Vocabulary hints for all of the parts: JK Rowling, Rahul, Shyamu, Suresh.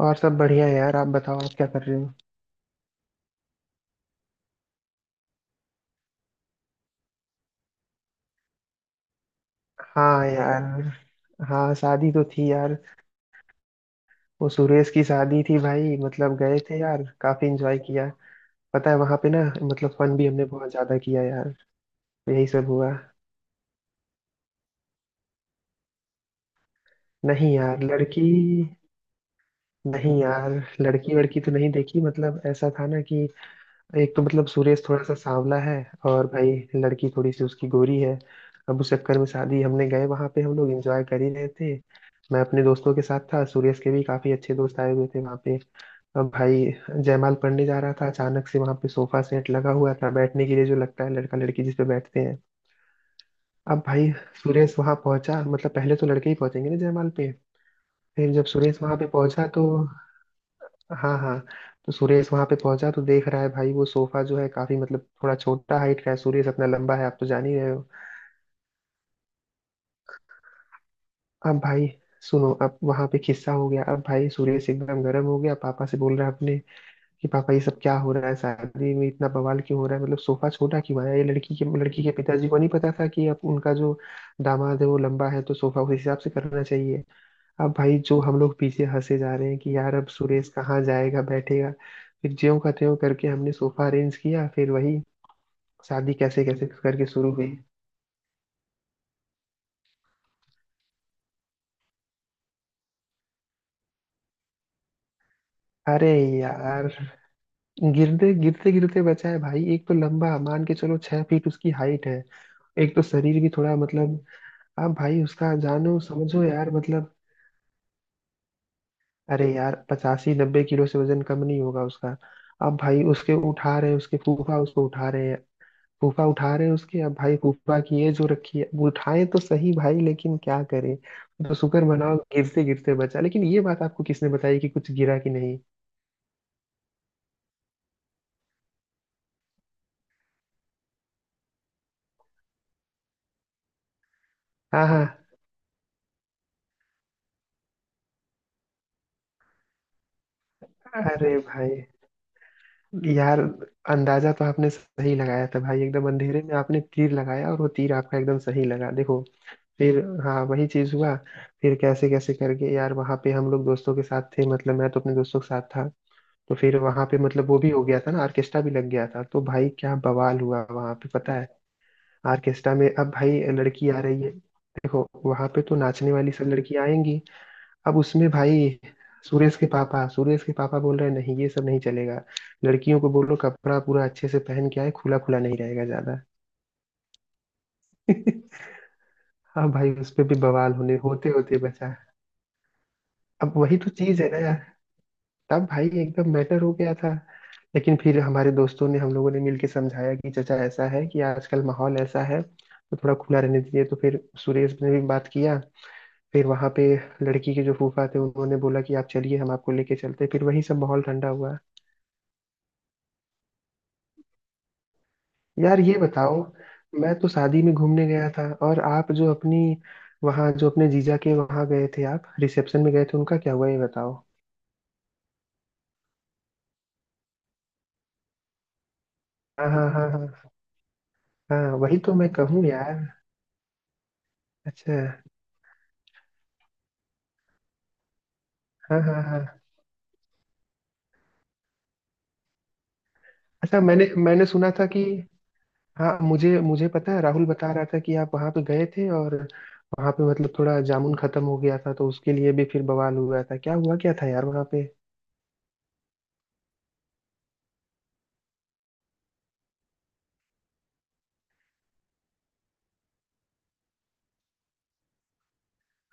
और सब बढ़िया है यार। आप बताओ, आप क्या कर रहे हो? हाँ यार। हाँ, शादी तो थी यार। वो सुरेश की शादी थी भाई, मतलब गए थे यार, काफी एंजॉय किया। पता है वहां पे ना, मतलब फन भी हमने बहुत ज्यादा किया यार। तो यही सब हुआ। नहीं यार, लड़की नहीं यार। लड़की वड़की तो नहीं देखी, मतलब ऐसा था ना कि एक तो मतलब सुरेश थोड़ा सा सांवला है, और भाई लड़की थोड़ी सी उसकी गोरी है। अब उस चक्कर में शादी, हमने गए वहां पे, हम लोग एंजॉय कर ही रहे थे। मैं अपने दोस्तों के साथ था, सुरेश के भी काफी अच्छे दोस्त आए हुए थे वहां पे। अब भाई जयमाल पढ़ने जा रहा था, अचानक से वहां पे सोफा सेट लगा हुआ था बैठने के लिए, जो लगता है लड़का लड़की जिस पे बैठते हैं। अब भाई सुरेश वहां पहुंचा, मतलब पहले तो लड़के ही पहुंचेंगे ना जयमाल पे। फिर जब सुरेश वहां पे पहुंचा तो हाँ हाँ, तो सुरेश वहां पे पहुंचा तो देख रहा है भाई वो सोफा जो है काफी मतलब थोड़ा छोटा हाइट का है। सुरेश अपना लंबा है, आप तो जान ही रहे हो। अब भाई सुनो, अब वहां पे खिस्सा हो गया। अब भाई सुरेश एकदम गर्म हो गया, पापा से बोल रहा है अपने कि पापा ये सब क्या हो रहा है, शादी में इतना बवाल क्यों हो रहा है, मतलब सोफा छोटा क्यों आया, ये लड़की के पिताजी को नहीं पता था कि अब उनका जो दामाद है वो लंबा है, तो सोफा उस हिसाब से करना चाहिए। अब भाई जो हम लोग पीछे हंसे जा रहे हैं कि यार अब सुरेश कहाँ जाएगा बैठेगा। फिर ज्यों का त्यों करके हमने सोफा अरेंज किया, फिर वही शादी कैसे कैसे करके शुरू हुई। अरे यार, गिरते गिरते गिरते बचा है भाई। एक तो लंबा, मान के चलो 6 फीट उसकी हाइट है। एक तो शरीर भी थोड़ा मतलब, अब भाई उसका जानो समझो यार मतलब, अरे यार 85-90 किलो से वजन कम नहीं होगा उसका। अब भाई उसके उठा रहे हैं, उसके फूफा उसको उठा रहे हैं। फूफा उठा रहे हैं उसके, अब भाई फूफा की ये जो रखी है, अब उठाए तो सही भाई, लेकिन क्या करे। तो शुक्र मनाओ गिरते गिरते बचा, लेकिन ये बात आपको किसने बताई कि कुछ गिरा कि नहीं? हाँ हाँ हाँ, अरे भाई, यार, अंदाजा तो आपने सही लगाया था भाई, एकदम अंधेरे में आपने तीर लगाया और वो तीर आपका एकदम सही लगा देखो। फिर हाँ, वही चीज हुआ। फिर कैसे कैसे करके यार वहां पे हम लोग दोस्तों के साथ थे, मतलब मैं तो अपने दोस्तों के साथ था। तो फिर वहां पे मतलब वो भी हो गया था ना, ऑर्केस्ट्रा भी लग गया था, तो भाई क्या बवाल हुआ वहां पे, पता है? ऑर्केस्ट्रा में अब भाई लड़की आ रही है, देखो वहां पे तो नाचने वाली सब लड़कियां आएंगी। अब उसमें भाई सुरेश के पापा, सुरेश के पापा बोल रहे हैं, नहीं ये सब नहीं चलेगा, लड़कियों को बोलो कपड़ा पूरा अच्छे से पहन के आए, खुला खुला नहीं रहेगा ज्यादा। हाँ भाई, उस पे भी बवाल होने होते होते बचा। अब वही तो चीज है ना यार, तब भाई एकदम मैटर हो गया था। लेकिन फिर हमारे दोस्तों ने, हम लोगों ने मिलके समझाया कि चाचा ऐसा है कि आजकल माहौल ऐसा है तो थोड़ा खुला रहने दीजिए, तो फिर सुरेश ने भी बात किया। फिर वहां पे लड़की के जो फूफा थे उन्होंने बोला कि आप चलिए, हम आपको लेके चलते हैं। फिर वही सब माहौल ठंडा हुआ। यार ये बताओ, मैं तो शादी में घूमने गया था, और आप जो अपनी वहाँ जो अपने जीजा के वहाँ गए थे, आप रिसेप्शन में गए थे, उनका क्या हुआ ये बताओ। हाँ हाँ हाँ हाँ। हाँ वही तो मैं कहूँ यार। अच्छा। हाँ हाँ हाँ। अच्छा, मैंने मैंने सुना था कि हाँ, मुझे मुझे पता है, राहुल बता रहा था कि आप वहाँ पे गए थे और वहाँ पे मतलब थोड़ा जामुन खत्म हो गया था तो उसके लिए भी फिर बवाल हुआ था, क्या हुआ क्या था यार वहाँ पे?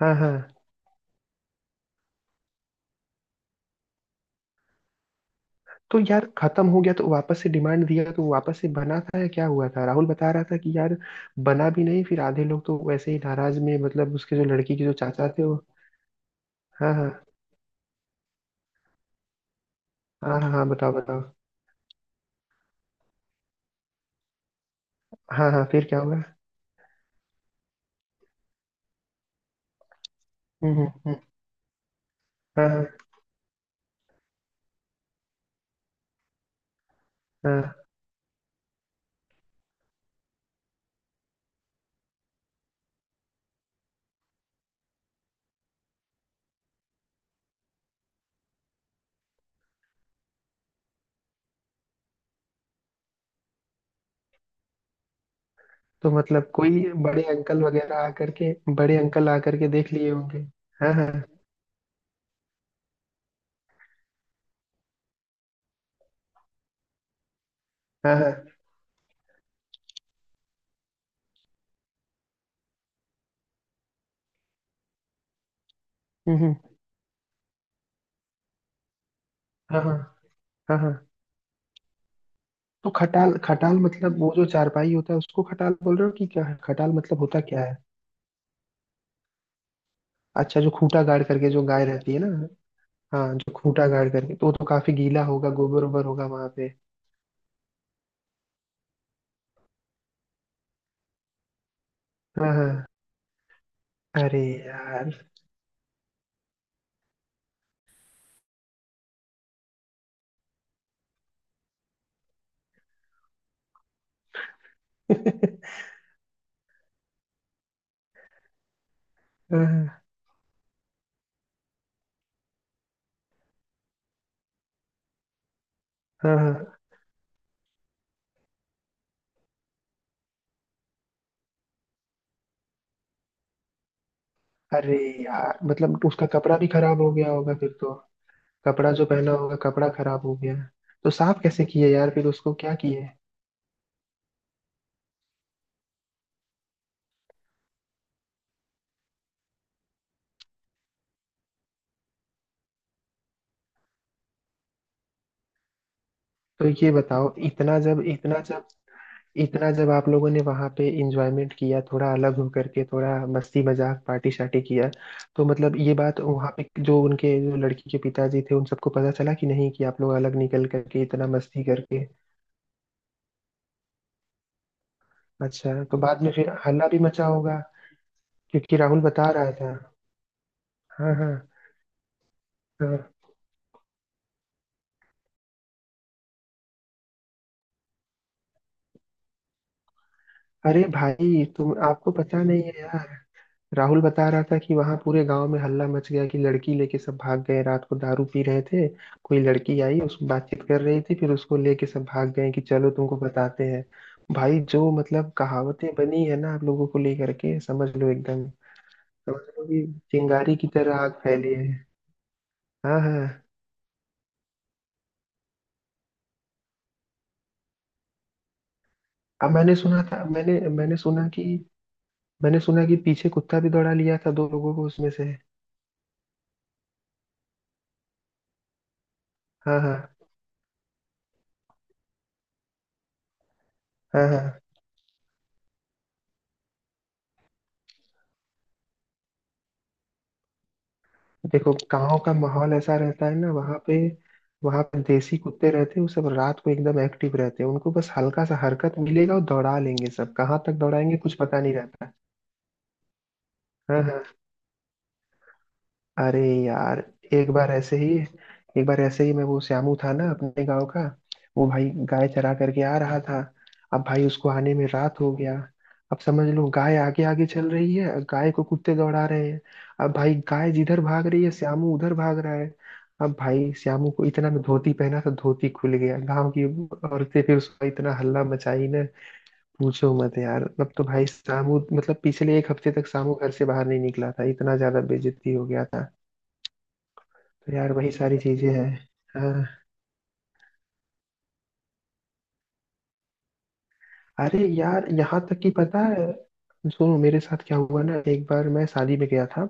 हाँ हाँ। तो यार खत्म हो गया तो वापस से डिमांड दिया तो वापस से बना था या क्या हुआ था? राहुल बता रहा था कि यार बना भी नहीं, फिर आधे लोग तो वैसे ही नाराज में, मतलब उसके जो लड़की के जो चाचा थे वो। हाँ हाँ हाँ हाँ हाँ, बताओ बताओ। हाँ हाँ, फिर क्या हुआ? हम्म हम्म हम्म, हाँ हाँ हाँ। तो मतलब कोई बड़े अंकल वगैरह आकर के, बड़े अंकल आकर के देख लिए होंगे। हाँ हाँ हाँ हाँ। हम्म हम्म, हाँ हाँ हाँ हाँ। तो खटाल, खटाल मतलब वो जो चारपाई होता है उसको खटाल बोल रहे हो कि क्या है? खटाल मतलब होता क्या है? अच्छा, जो खूटा गाड़ करके जो गाय रहती है ना, हाँ जो खूटा गाड़ करके, तो वो तो काफी गीला होगा, गोबर ओबर होगा वहां पे। हाँ हाँ। अरे यार। हाँ हाँ हाँ, अरे यार मतलब उसका कपड़ा भी खराब हो गया होगा फिर तो। कपड़ा जो पहना होगा कपड़ा खराब हो गया। तो साफ कैसे किए यार फिर उसको, क्या किए? तो ये बताओ, इतना जब आप लोगों ने वहां पे इंजॉयमेंट किया, थोड़ा अलग हो करके, थोड़ा मस्ती मजाक पार्टी शार्टी किया, तो मतलब ये बात वहां पे जो उनके जो लड़की के पिताजी थे उन सबको पता चला कि नहीं, कि आप लोग अलग निकल करके इतना मस्ती करके। अच्छा, तो बाद में फिर हल्ला भी मचा होगा, क्योंकि राहुल बता रहा था। हाँ हाँ हाँ। अरे भाई तुम, आपको पता नहीं है यार, राहुल बता रहा था कि वहां पूरे गांव में हल्ला मच गया कि लड़की लेके सब भाग गए, रात को दारू पी रहे थे, कोई लड़की आई उसको बातचीत कर रही थी, फिर उसको लेके सब भाग गए, कि चलो तुमको बताते हैं भाई जो मतलब कहावतें बनी है ना आप लोगों को लेकर के, समझ लो एकदम, समझ लो कि चिंगारी की तरह आग फैली है। हाँ हाँ। अब मैंने सुना कि मैंने सुना कि पीछे कुत्ता भी दौड़ा लिया था दो लोगों को उसमें से। हाँ हाँ हाँ हाँ। देखो गांव का माहौल ऐसा रहता है ना वहां पे। वहां पे देसी कुत्ते रहते हैं वो सब रात को एकदम एक्टिव रहते हैं, उनको बस हल्का सा हरकत मिलेगा और दौड़ा लेंगे, सब कहाँ तक दौड़ाएंगे कुछ पता नहीं रहता है। अरे यार, एक बार ऐसे ही, एक बार ऐसे ही मैं, वो श्यामू था ना अपने गांव का। वो भाई गाय चरा करके आ रहा था, अब भाई उसको आने में रात हो गया। अब समझ लो गाय आगे आगे चल रही है और गाय को कुत्ते दौड़ा रहे हैं। अब भाई गाय जिधर भाग रही है श्यामू उधर भाग रहा है। अब भाई श्यामू को इतना में धोती पहना, तो धोती खुल गया, गांव की औरतें फिर उसका इतना हल्ला मचाई ना, पूछो मत यार। अब तो भाई श्यामू मतलब पिछले एक हफ्ते तक श्यामू घर से बाहर नहीं निकला था, इतना ज्यादा बेइज्जती हो गया था। तो यार वही सारी चीजें हैं। हाँ, अरे यार, यहाँ तक कि पता है, सुनो मेरे साथ क्या हुआ ना। एक बार मैं शादी में गया था,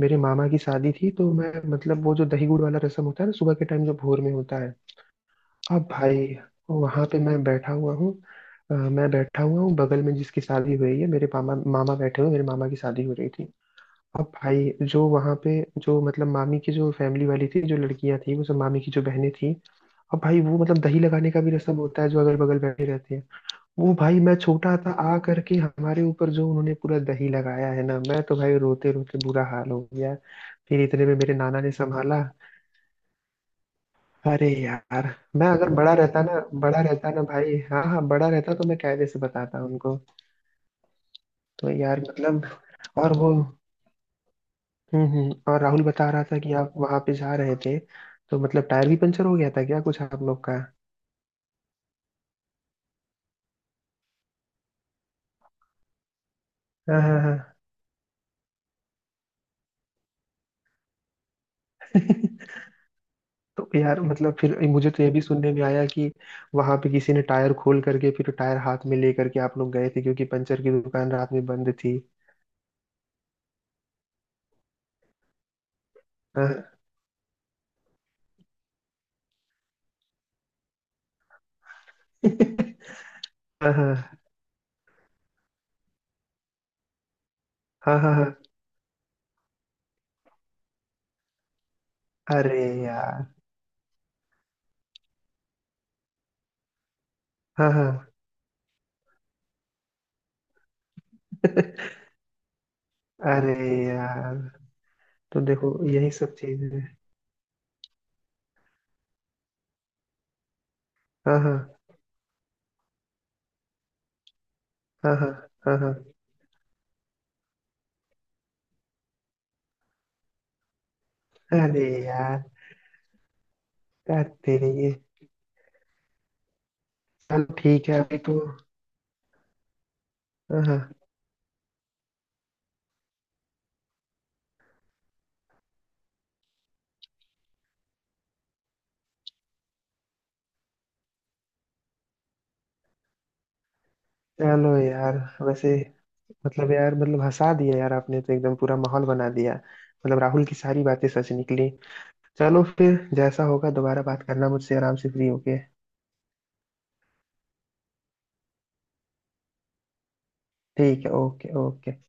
मेरे मामा की शादी थी, तो मैं मतलब वो जो दही गुड़ वाला रसम होता है ना सुबह के टाइम, जो भोर में होता है। अब भाई वहां पे मैं बैठा हुआ हूँ, मैं बैठा हुआ हूँ बगल में, जिसकी शादी हुई है मेरे मामा, मामा बैठे हुए, मेरे मामा की शादी हो रही थी। अब भाई जो वहाँ पे जो मतलब मामी की जो फैमिली वाली थी, जो लड़कियां थी वो सब मामी की जो बहनें थी। अब भाई वो मतलब दही लगाने का भी रसम होता है, जो अगल बगल बैठे रहते हैं। वो भाई मैं छोटा था आ करके, हमारे ऊपर जो उन्होंने पूरा दही लगाया है ना, मैं तो भाई रोते रोते बुरा हाल हो गया। फिर इतने में मेरे नाना ने संभाला। अरे यार, मैं अगर बड़ा रहता ना, बड़ा रहता ना भाई, हाँ हाँ, बड़ा रहता तो मैं कायदे से बताता उनको। तो यार मतलब और वो, हम्म, और राहुल बता रहा था कि आप वहां पे जा रहे थे, तो मतलब टायर भी पंचर हो गया था क्या कुछ आप लोग का? हाँ हाँ हाँ। तो यार मतलब फिर मुझे तो ये भी सुनने में आया कि वहां पे किसी ने टायर खोल करके, फिर टायर हाथ में लेकर के आप लोग गए थे क्योंकि पंचर की दुकान रात में बंद थी। हाँ हाँ हाँ हाँ हाँ हाँ। अरे यार। हाँ हाँ। अरे यार, तो देखो यही सब चीज है। हाँ हाँ हाँ हाँ हाँ हाँ। अरे यार क्या तेरे ये, चलो ठीक है अभी तो। हाँ हाँ। चलो यार, वैसे, मतलब यार मतलब हंसा दिया यार आपने, तो एकदम पूरा माहौल बना दिया। मतलब राहुल की सारी बातें सच निकली। चलो फिर जैसा होगा दोबारा बात करना मुझसे आराम से, फ्री होके। ठीक है, ओके ओके।